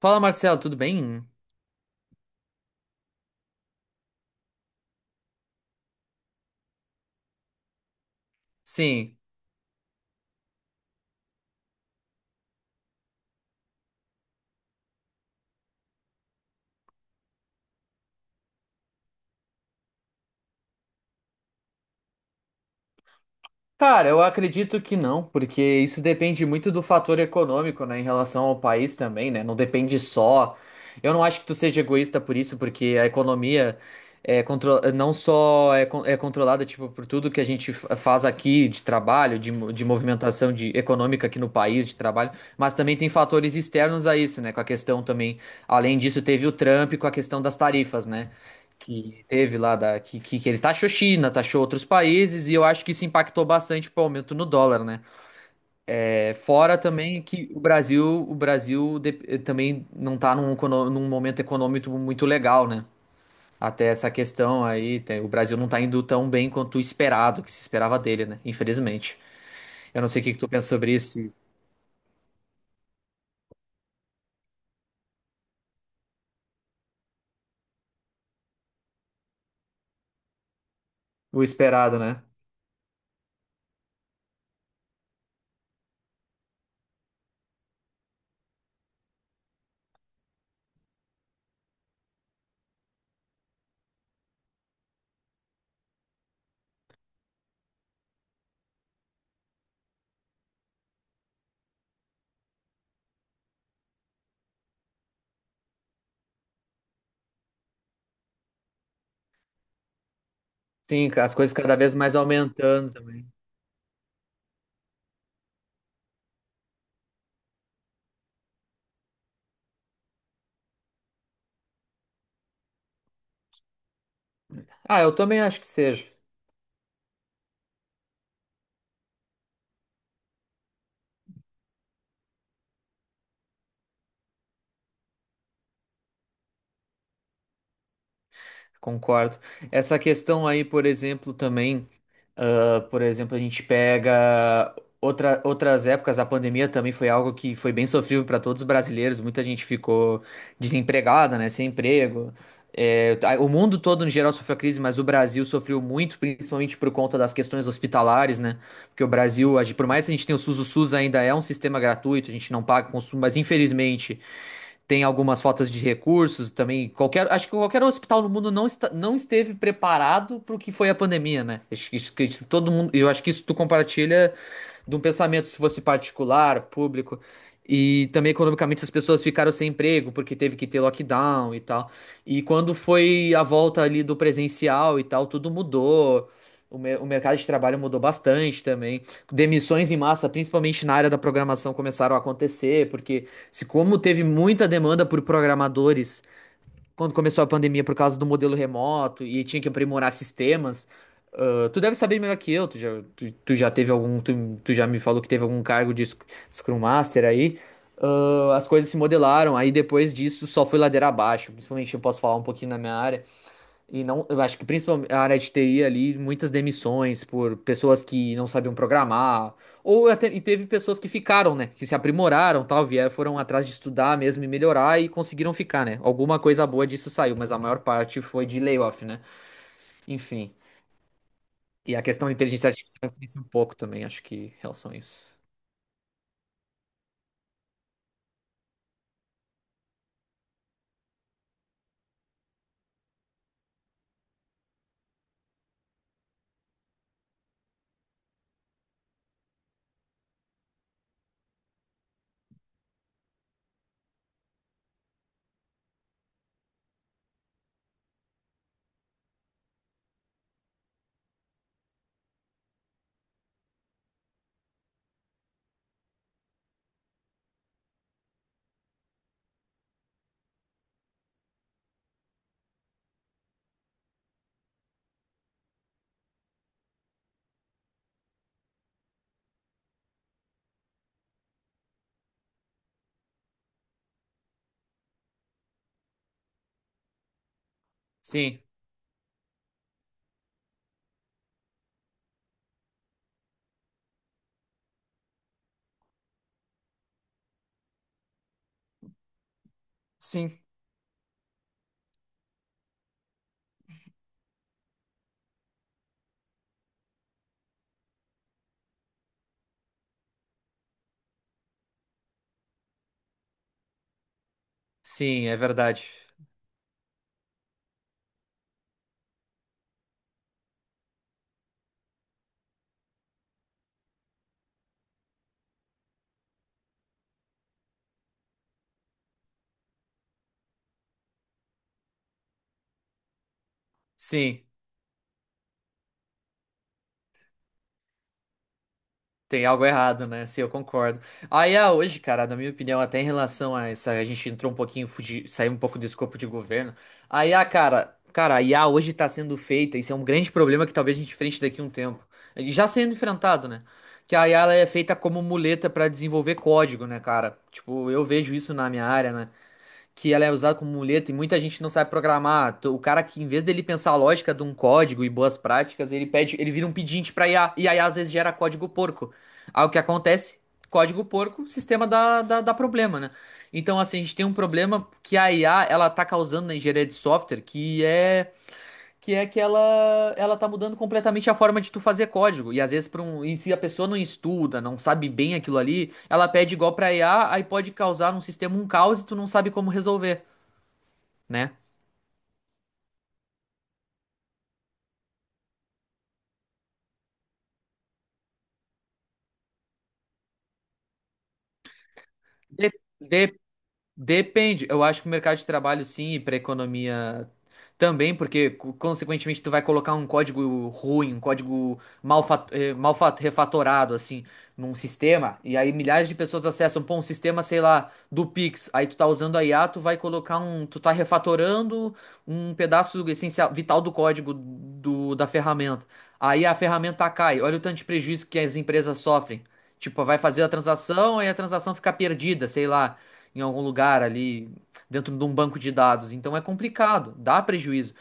Fala, Marcelo, tudo bem? Sim. Cara, eu acredito que não, porque isso depende muito do fator econômico, né, em relação ao país também, né? Não depende só. Eu não acho que tu seja egoísta por isso, porque a economia é contro... não só é, é controlada, tipo, por tudo que a gente faz aqui de trabalho, de, de movimentação de econômica aqui no país, de trabalho, mas também tem fatores externos a isso, né? Com a questão também, além disso, teve o Trump com a questão das tarifas, né? Que teve lá que ele taxou China, taxou outros países e eu acho que isso impactou bastante pro aumento no dólar, né? É, fora também que o Brasil também não tá num, num momento econômico muito legal, né? Até essa questão aí, o Brasil não tá indo tão bem quanto o esperado, que se esperava dele, né? Infelizmente. Eu não sei o que que tu pensa sobre isso, se- o esperado, né? Sim, as coisas cada vez mais aumentando também. Ah, eu também acho que seja. Concordo. Essa questão aí, por exemplo, também, ah, por exemplo, a gente pega outras épocas, a pandemia também foi algo que foi bem sofrível para todos os brasileiros, muita gente ficou desempregada, né, sem emprego. É, tá, o mundo todo, no geral, sofreu a crise, mas o Brasil sofreu muito, principalmente por conta das questões hospitalares, né? Porque o Brasil, por mais que a gente tenha o SUS ainda é um sistema gratuito, a gente não paga consumo, mas infelizmente tem algumas faltas de recursos também. Qualquer, acho que qualquer hospital no mundo não, está, não esteve preparado para o que foi a pandemia, né? Acho que isso todo mundo, eu acho que isso tu compartilha de um pensamento, se fosse particular, público. E também economicamente as pessoas ficaram sem emprego porque teve que ter lockdown e tal. E quando foi a volta ali do presencial e tal, tudo mudou. O mercado de trabalho mudou bastante também. Demissões em massa, principalmente na área da programação, começaram a acontecer, porque se como teve muita demanda por programadores quando começou a pandemia por causa do modelo remoto e tinha que aprimorar sistemas, ah, tu deve saber melhor que eu. Tu já teve algum, tu já me falou que teve algum cargo de Scrum Master aí. Ah, as coisas se modelaram, aí depois disso só foi ladeira abaixo. Principalmente eu posso falar um pouquinho na minha área. E não, eu acho que principalmente a área de TI ali, muitas demissões por pessoas que não sabiam programar, ou até, e teve pessoas que ficaram, né, que se aprimoraram, tal, vieram, foram atrás de estudar mesmo e melhorar e conseguiram ficar, né? Alguma coisa boa disso saiu, mas a maior parte foi de layoff, né? Enfim. E a questão da inteligência artificial influencia um pouco também, acho que, em relação a isso. Sim, sim, sim, é verdade. Sim. Tem algo errado, né? Sim, eu concordo. Aí, ah, hoje, cara, na minha opinião, até em relação a essa, a gente entrou um pouquinho, fugi, saiu um pouco do escopo de governo. Aí, ah, cara, a IA hoje tá sendo feita, isso é um grande problema que talvez a gente enfrente daqui a um tempo. E já sendo enfrentado, né? Que a IA ela é feita como muleta pra desenvolver código, né, cara? Tipo, eu vejo isso na minha área, né? Que ela é usada como muleta e muita gente não sabe programar. O cara que, em vez dele pensar a lógica de um código e boas práticas, ele pede, ele vira um pedinte pra IA, e aí às vezes gera código porco. Aí o que acontece? Código porco, sistema dá problema, né? Então, assim, a gente tem um problema que a IA, ela tá causando na engenharia de software, que é que ela tá mudando completamente a forma de tu fazer código. E às vezes para um, e se a pessoa não estuda, não sabe bem aquilo ali, ela pede igual pra IA, aí pode causar num sistema um caos e tu não sabe como resolver, né? De, de Depende, eu acho que o mercado de trabalho sim, e para economia também, porque consequentemente tu vai colocar um código ruim, um código mal, mal refatorado assim, num sistema, e aí milhares de pessoas acessam, pô, um sistema, sei lá, do Pix, aí tu tá usando a IA, tu vai colocar um, tu tá refatorando um pedaço essencial, vital do código do, da ferramenta. Aí a ferramenta cai, olha o tanto de prejuízo que as empresas sofrem. Tipo, vai fazer a transação, aí a transação fica perdida, sei lá em algum lugar ali dentro de um banco de dados. Então é complicado, dá prejuízo.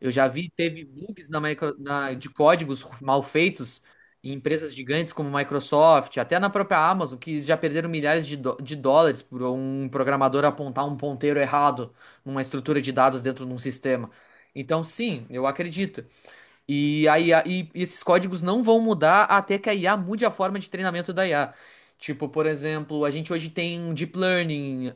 Eu já vi, teve bugs na, de códigos mal feitos em empresas gigantes como Microsoft, até na própria Amazon, que já perderam milhares de, de dólares por um programador apontar um ponteiro errado numa estrutura de dados dentro de um sistema. Então, sim, eu acredito. E, a IA, e e esses códigos não vão mudar até que a IA mude a forma de treinamento da IA. Tipo, por exemplo, a gente hoje tem um deep learning,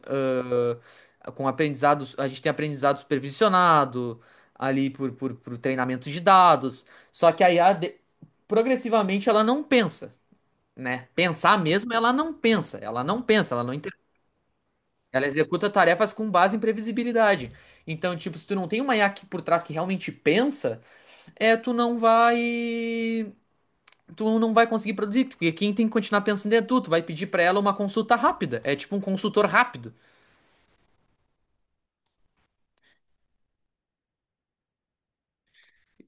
ah, com aprendizados, a gente tem aprendizado supervisionado ali por treinamento de dados. Só que a IA, progressivamente, ela não pensa, né? Pensar mesmo, ela não inter... Ela executa tarefas com base em previsibilidade. Então, tipo, se tu não tem uma IA aqui por trás que realmente pensa, é, tu não vai conseguir produzir, porque quem tem que continuar pensando é tu, tu vai pedir pra ela uma consulta rápida, é tipo um consultor rápido,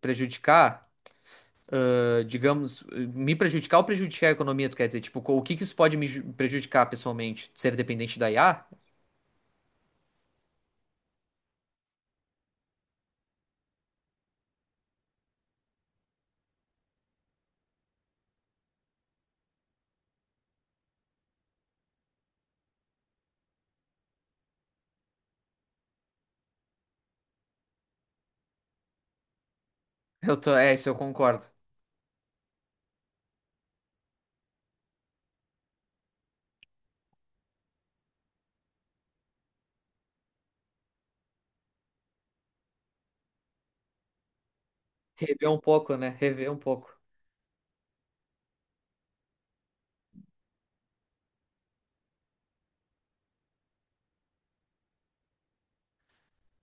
prejudicar, digamos, me prejudicar ou prejudicar a economia, tu quer dizer, tipo, o que que isso pode me prejudicar pessoalmente? Ser dependente da IA? Eu tô, é, isso eu concordo. Rever um pouco, né? Rever um pouco.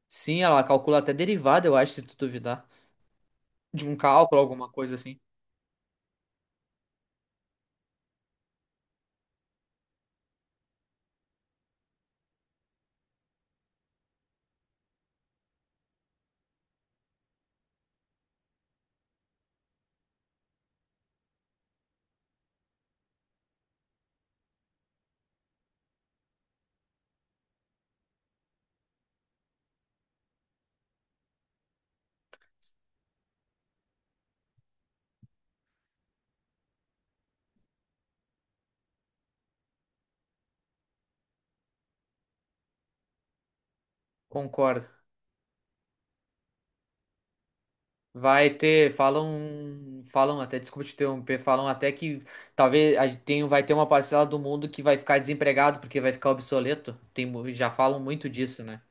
Sim, ela calcula até derivada, eu acho, se tu duvidar, de um cálculo, alguma coisa assim. Concordo. Vai ter, falam, falam até, desculpa te interromper, falam até que vai ter uma parcela do mundo que vai ficar desempregado porque vai ficar obsoleto. Tem, já falam muito disso, né?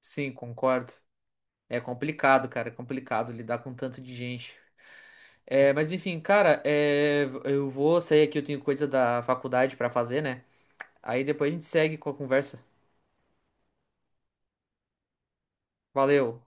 Sim, concordo. É complicado, cara, é complicado lidar com tanto de gente. É, mas enfim, cara, é, eu vou sair aqui, eu tenho coisa da faculdade pra fazer, né? Aí depois a gente segue com a conversa. Valeu.